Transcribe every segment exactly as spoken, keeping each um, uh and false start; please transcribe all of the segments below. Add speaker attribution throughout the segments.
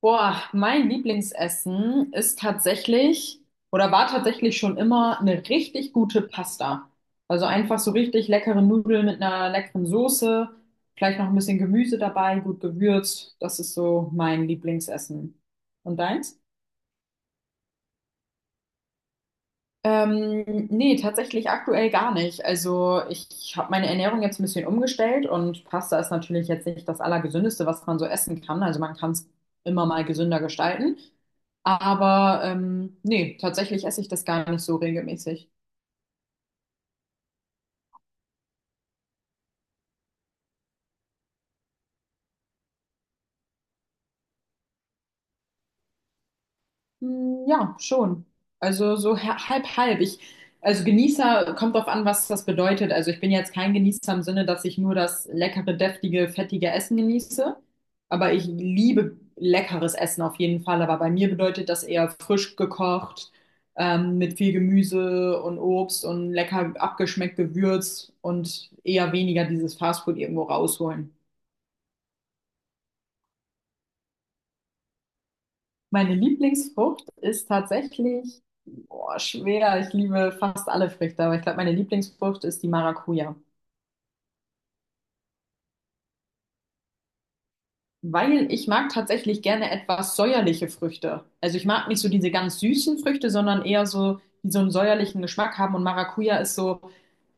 Speaker 1: Boah, mein Lieblingsessen ist tatsächlich oder war tatsächlich schon immer eine richtig gute Pasta. Also einfach so richtig leckere Nudeln mit einer leckeren Soße, vielleicht noch ein bisschen Gemüse dabei, gut gewürzt. Das ist so mein Lieblingsessen. Und deins? Ähm, nee, tatsächlich aktuell gar nicht. Also ich habe meine Ernährung jetzt ein bisschen umgestellt und Pasta ist natürlich jetzt nicht das Allergesündeste, was man so essen kann. Also man kann es immer mal gesünder gestalten. Aber ähm, nee, tatsächlich esse ich das gar nicht so regelmäßig. Hm, Ja, schon. Also so ha- halb, halb. Ich, also Genießer kommt drauf an, was das bedeutet. Also ich bin jetzt kein Genießer im Sinne, dass ich nur das leckere, deftige, fettige Essen genieße. Aber ich liebe leckeres Essen auf jeden Fall. Aber bei mir bedeutet das eher frisch gekocht, ähm, mit viel Gemüse und Obst und lecker abgeschmeckt gewürzt und eher weniger dieses Fastfood irgendwo rausholen. Meine Lieblingsfrucht ist tatsächlich, boah, schwer. Ich liebe fast alle Früchte, aber ich glaube, meine Lieblingsfrucht ist die Maracuja. Weil ich mag tatsächlich gerne etwas säuerliche Früchte. Also ich mag nicht so diese ganz süßen Früchte, sondern eher so, die so einen säuerlichen Geschmack haben. Und Maracuja ist so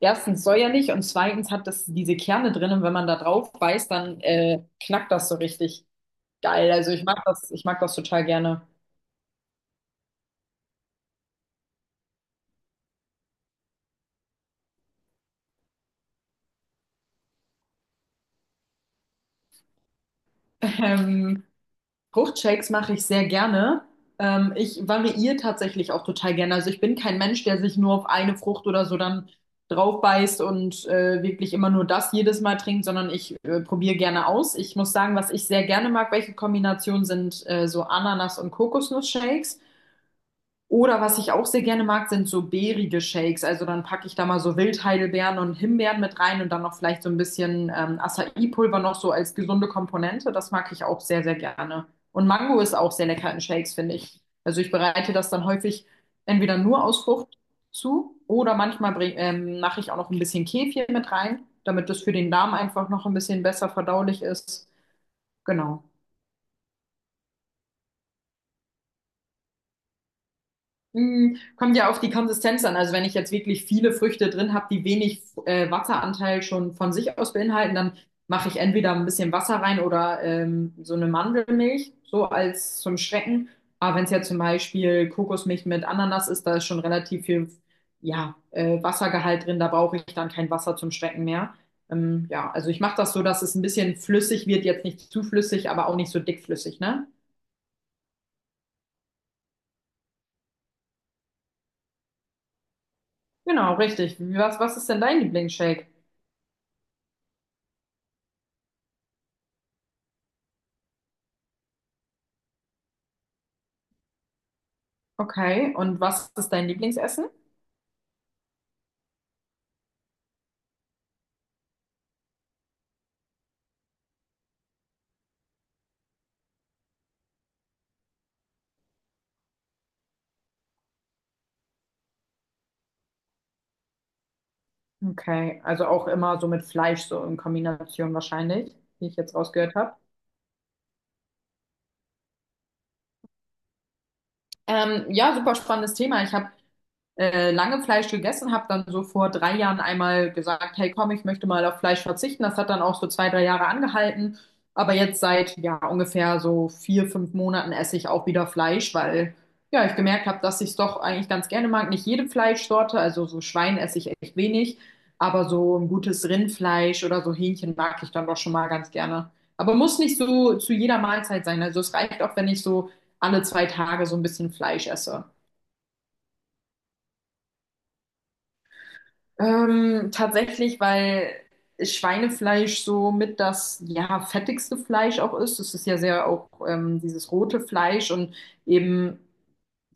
Speaker 1: erstens säuerlich und zweitens hat das diese Kerne drin. Und wenn man da drauf beißt, dann äh, knackt das so richtig geil. Also ich mag das, ich mag das total gerne. Ähm, Fruchtshakes mache ich sehr gerne. Ähm, ich variiere tatsächlich auch total gerne. Also ich bin kein Mensch, der sich nur auf eine Frucht oder so dann drauf beißt und äh, wirklich immer nur das jedes Mal trinkt, sondern ich äh, probiere gerne aus. Ich muss sagen, was ich sehr gerne mag, welche Kombinationen sind, äh, so Ananas- und Kokosnuss-Shakes. Oder was ich auch sehr gerne mag, sind so beerige Shakes. Also dann packe ich da mal so Wildheidelbeeren und Himbeeren mit rein und dann noch vielleicht so ein bisschen ähm, Acai-Pulver noch so als gesunde Komponente. Das mag ich auch sehr, sehr gerne. Und Mango ist auch sehr lecker in Shakes, finde ich. Also ich bereite das dann häufig entweder nur aus Frucht zu oder manchmal bring, ähm, mache ich auch noch ein bisschen Kefir mit rein, damit das für den Darm einfach noch ein bisschen besser verdaulich ist. Genau. Mm, Kommt ja auf die Konsistenz an. Also wenn ich jetzt wirklich viele Früchte drin habe, die wenig äh, Wasseranteil schon von sich aus beinhalten, dann mache ich entweder ein bisschen Wasser rein oder ähm, so eine Mandelmilch, so als zum Schrecken. Aber wenn es ja zum Beispiel Kokosmilch mit Ananas ist, da ist schon relativ viel, ja, äh, Wassergehalt drin, da brauche ich dann kein Wasser zum Schrecken mehr. Ähm, ja, also ich mache das so, dass es ein bisschen flüssig wird, jetzt nicht zu flüssig, aber auch nicht so dickflüssig, ne? Genau, richtig. Was, was ist denn dein Lieblingsshake? Okay, und was ist dein Lieblingsessen? Okay, also auch immer so mit Fleisch, so in Kombination wahrscheinlich, wie ich jetzt rausgehört habe. Ähm, ja, super spannendes Thema. Ich habe äh, lange Fleisch gegessen, habe dann so vor drei Jahren einmal gesagt, hey komm, ich möchte mal auf Fleisch verzichten. Das hat dann auch so zwei, drei Jahre angehalten. Aber jetzt seit ja ungefähr so vier, fünf Monaten esse ich auch wieder Fleisch, weil ja ich gemerkt habe, dass ich es doch eigentlich ganz gerne mag. Nicht jede Fleischsorte, also so Schwein esse ich echt wenig, aber so ein gutes Rindfleisch oder so Hähnchen mag ich dann doch schon mal ganz gerne. Aber muss nicht so zu jeder Mahlzeit sein. Also es reicht auch, wenn ich so alle zwei Tage so ein bisschen Fleisch esse. Ähm, tatsächlich, weil Schweinefleisch so mit das ja fettigste Fleisch auch ist. Es ist ja sehr auch ähm, dieses rote Fleisch und eben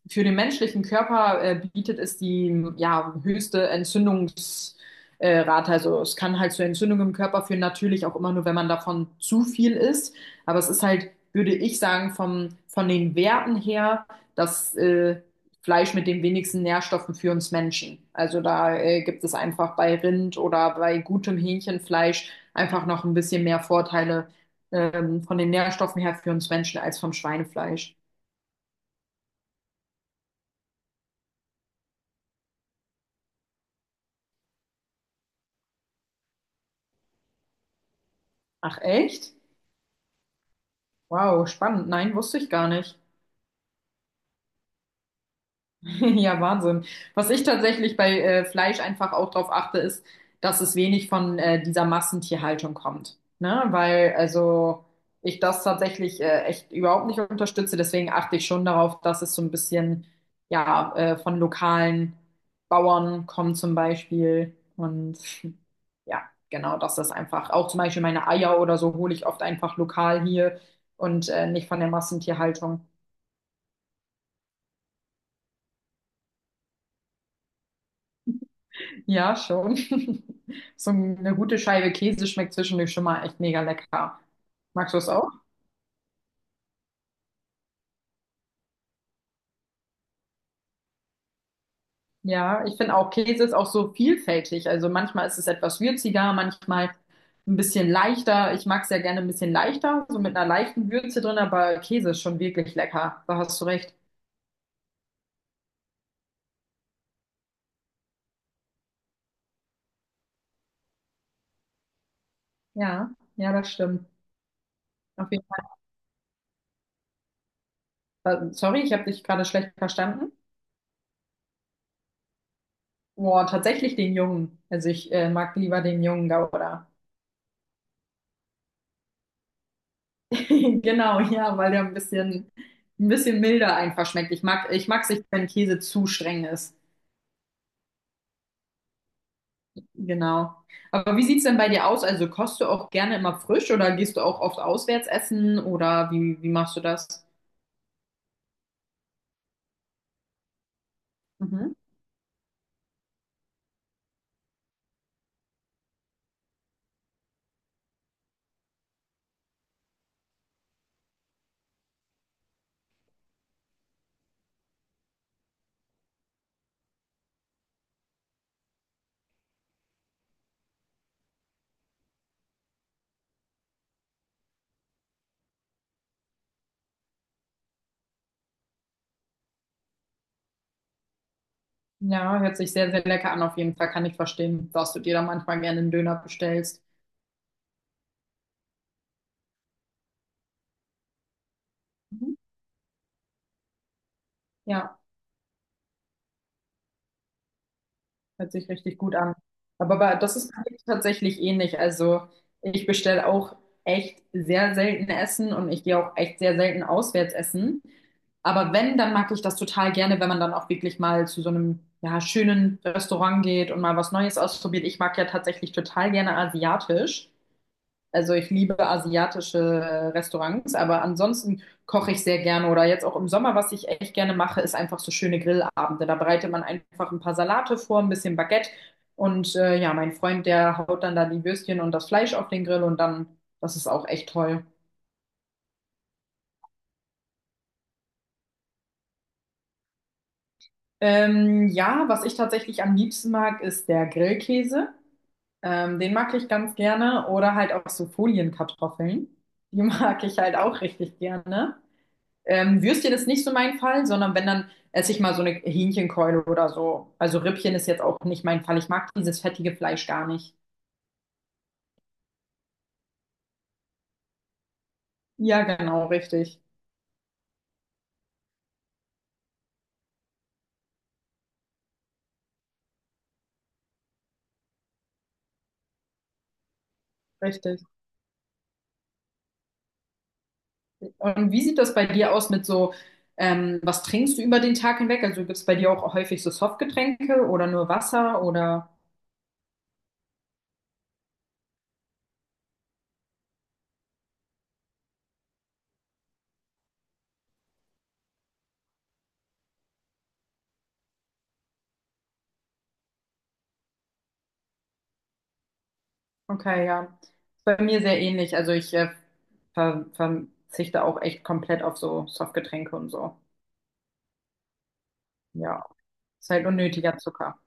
Speaker 1: für den menschlichen Körper äh, bietet es die, ja, höchste Entzündungsrate. Äh, Rate. Also es kann halt zu Entzündungen im Körper führen, natürlich auch immer nur, wenn man davon zu viel isst. Aber es ist halt, würde ich sagen, vom, von den Werten her, das äh, Fleisch mit den wenigsten Nährstoffen für uns Menschen. Also da äh, gibt es einfach bei Rind oder bei gutem Hähnchenfleisch einfach noch ein bisschen mehr Vorteile, ähm, von den Nährstoffen her für uns Menschen als vom Schweinefleisch. Ach, echt? Wow, spannend. Nein, wusste ich gar nicht. Ja, Wahnsinn. Was ich tatsächlich bei äh, Fleisch einfach auch drauf achte, ist, dass es wenig von äh, dieser Massentierhaltung kommt. Ne? Weil, also ich das tatsächlich äh, echt überhaupt nicht unterstütze. Deswegen achte ich schon darauf, dass es so ein bisschen ja, äh, von lokalen Bauern kommt zum Beispiel. Und ja, genau, dass das einfach auch zum Beispiel meine Eier oder so hole ich oft einfach lokal hier und äh, nicht von der Massentierhaltung. Ja, schon. So eine gute Scheibe Käse schmeckt zwischendurch schon mal echt mega lecker. Magst du es auch? Ja, ich finde auch, Käse ist auch so vielfältig. Also manchmal ist es etwas würziger, manchmal ein bisschen leichter. Ich mag es ja gerne ein bisschen leichter, so mit einer leichten Würze drin, aber Käse ist schon wirklich lecker. Da hast du recht. Ja, ja, das stimmt. Auf jeden Fall. Äh, Sorry, ich habe dich gerade schlecht verstanden. Boah, tatsächlich den Jungen. Also ich äh, mag lieber den Jungen Gouda. Genau, ja, weil der ein bisschen, ein bisschen milder einfach schmeckt. Ich mag, ich mag's nicht, wenn Käse zu streng ist. Genau. Aber wie sieht's denn bei dir aus? Also kochst du auch gerne immer frisch oder gehst du auch oft auswärts essen oder wie, wie machst du das? Mhm. Ja, hört sich sehr, sehr lecker an. Auf jeden Fall kann ich verstehen, dass du dir da manchmal gerne einen Döner bestellst. Mhm. Ja. Hört sich richtig gut an. Aber, bei- das ist bei mir tatsächlich ähnlich. Also ich bestelle auch echt sehr selten Essen und ich gehe auch echt sehr selten auswärts essen. Aber wenn, dann mag ich das total gerne, wenn man dann auch wirklich mal zu so einem, ja, schönen Restaurant geht und mal was Neues ausprobiert. Ich mag ja tatsächlich total gerne asiatisch. Also ich liebe asiatische äh, Restaurants, aber ansonsten koche ich sehr gerne oder jetzt auch im Sommer, was ich echt gerne mache, ist einfach so schöne Grillabende. Da bereitet man einfach ein paar Salate vor, ein bisschen Baguette und äh, ja, mein Freund, der haut dann da die Würstchen und das Fleisch auf den Grill, und dann, das ist auch echt toll. Ähm, ja, was ich tatsächlich am liebsten mag, ist der Grillkäse. Ähm, den mag ich ganz gerne oder halt auch so Folienkartoffeln. Die mag ich halt auch richtig gerne. Ähm, Würstchen ist nicht so mein Fall, sondern wenn, dann esse ich mal so eine Hähnchenkeule oder so. Also Rippchen ist jetzt auch nicht mein Fall. Ich mag dieses fettige Fleisch gar nicht. Ja, genau, richtig. Richtig. Und wie sieht das bei dir aus mit so, ähm, was trinkst du über den Tag hinweg? Also gibt es bei dir auch häufig so Softgetränke oder nur Wasser oder? Okay, ja. Bei mir sehr ähnlich. Also ich äh, ver verzichte auch echt komplett auf so Softgetränke und so. Ja, ist halt unnötiger Zucker.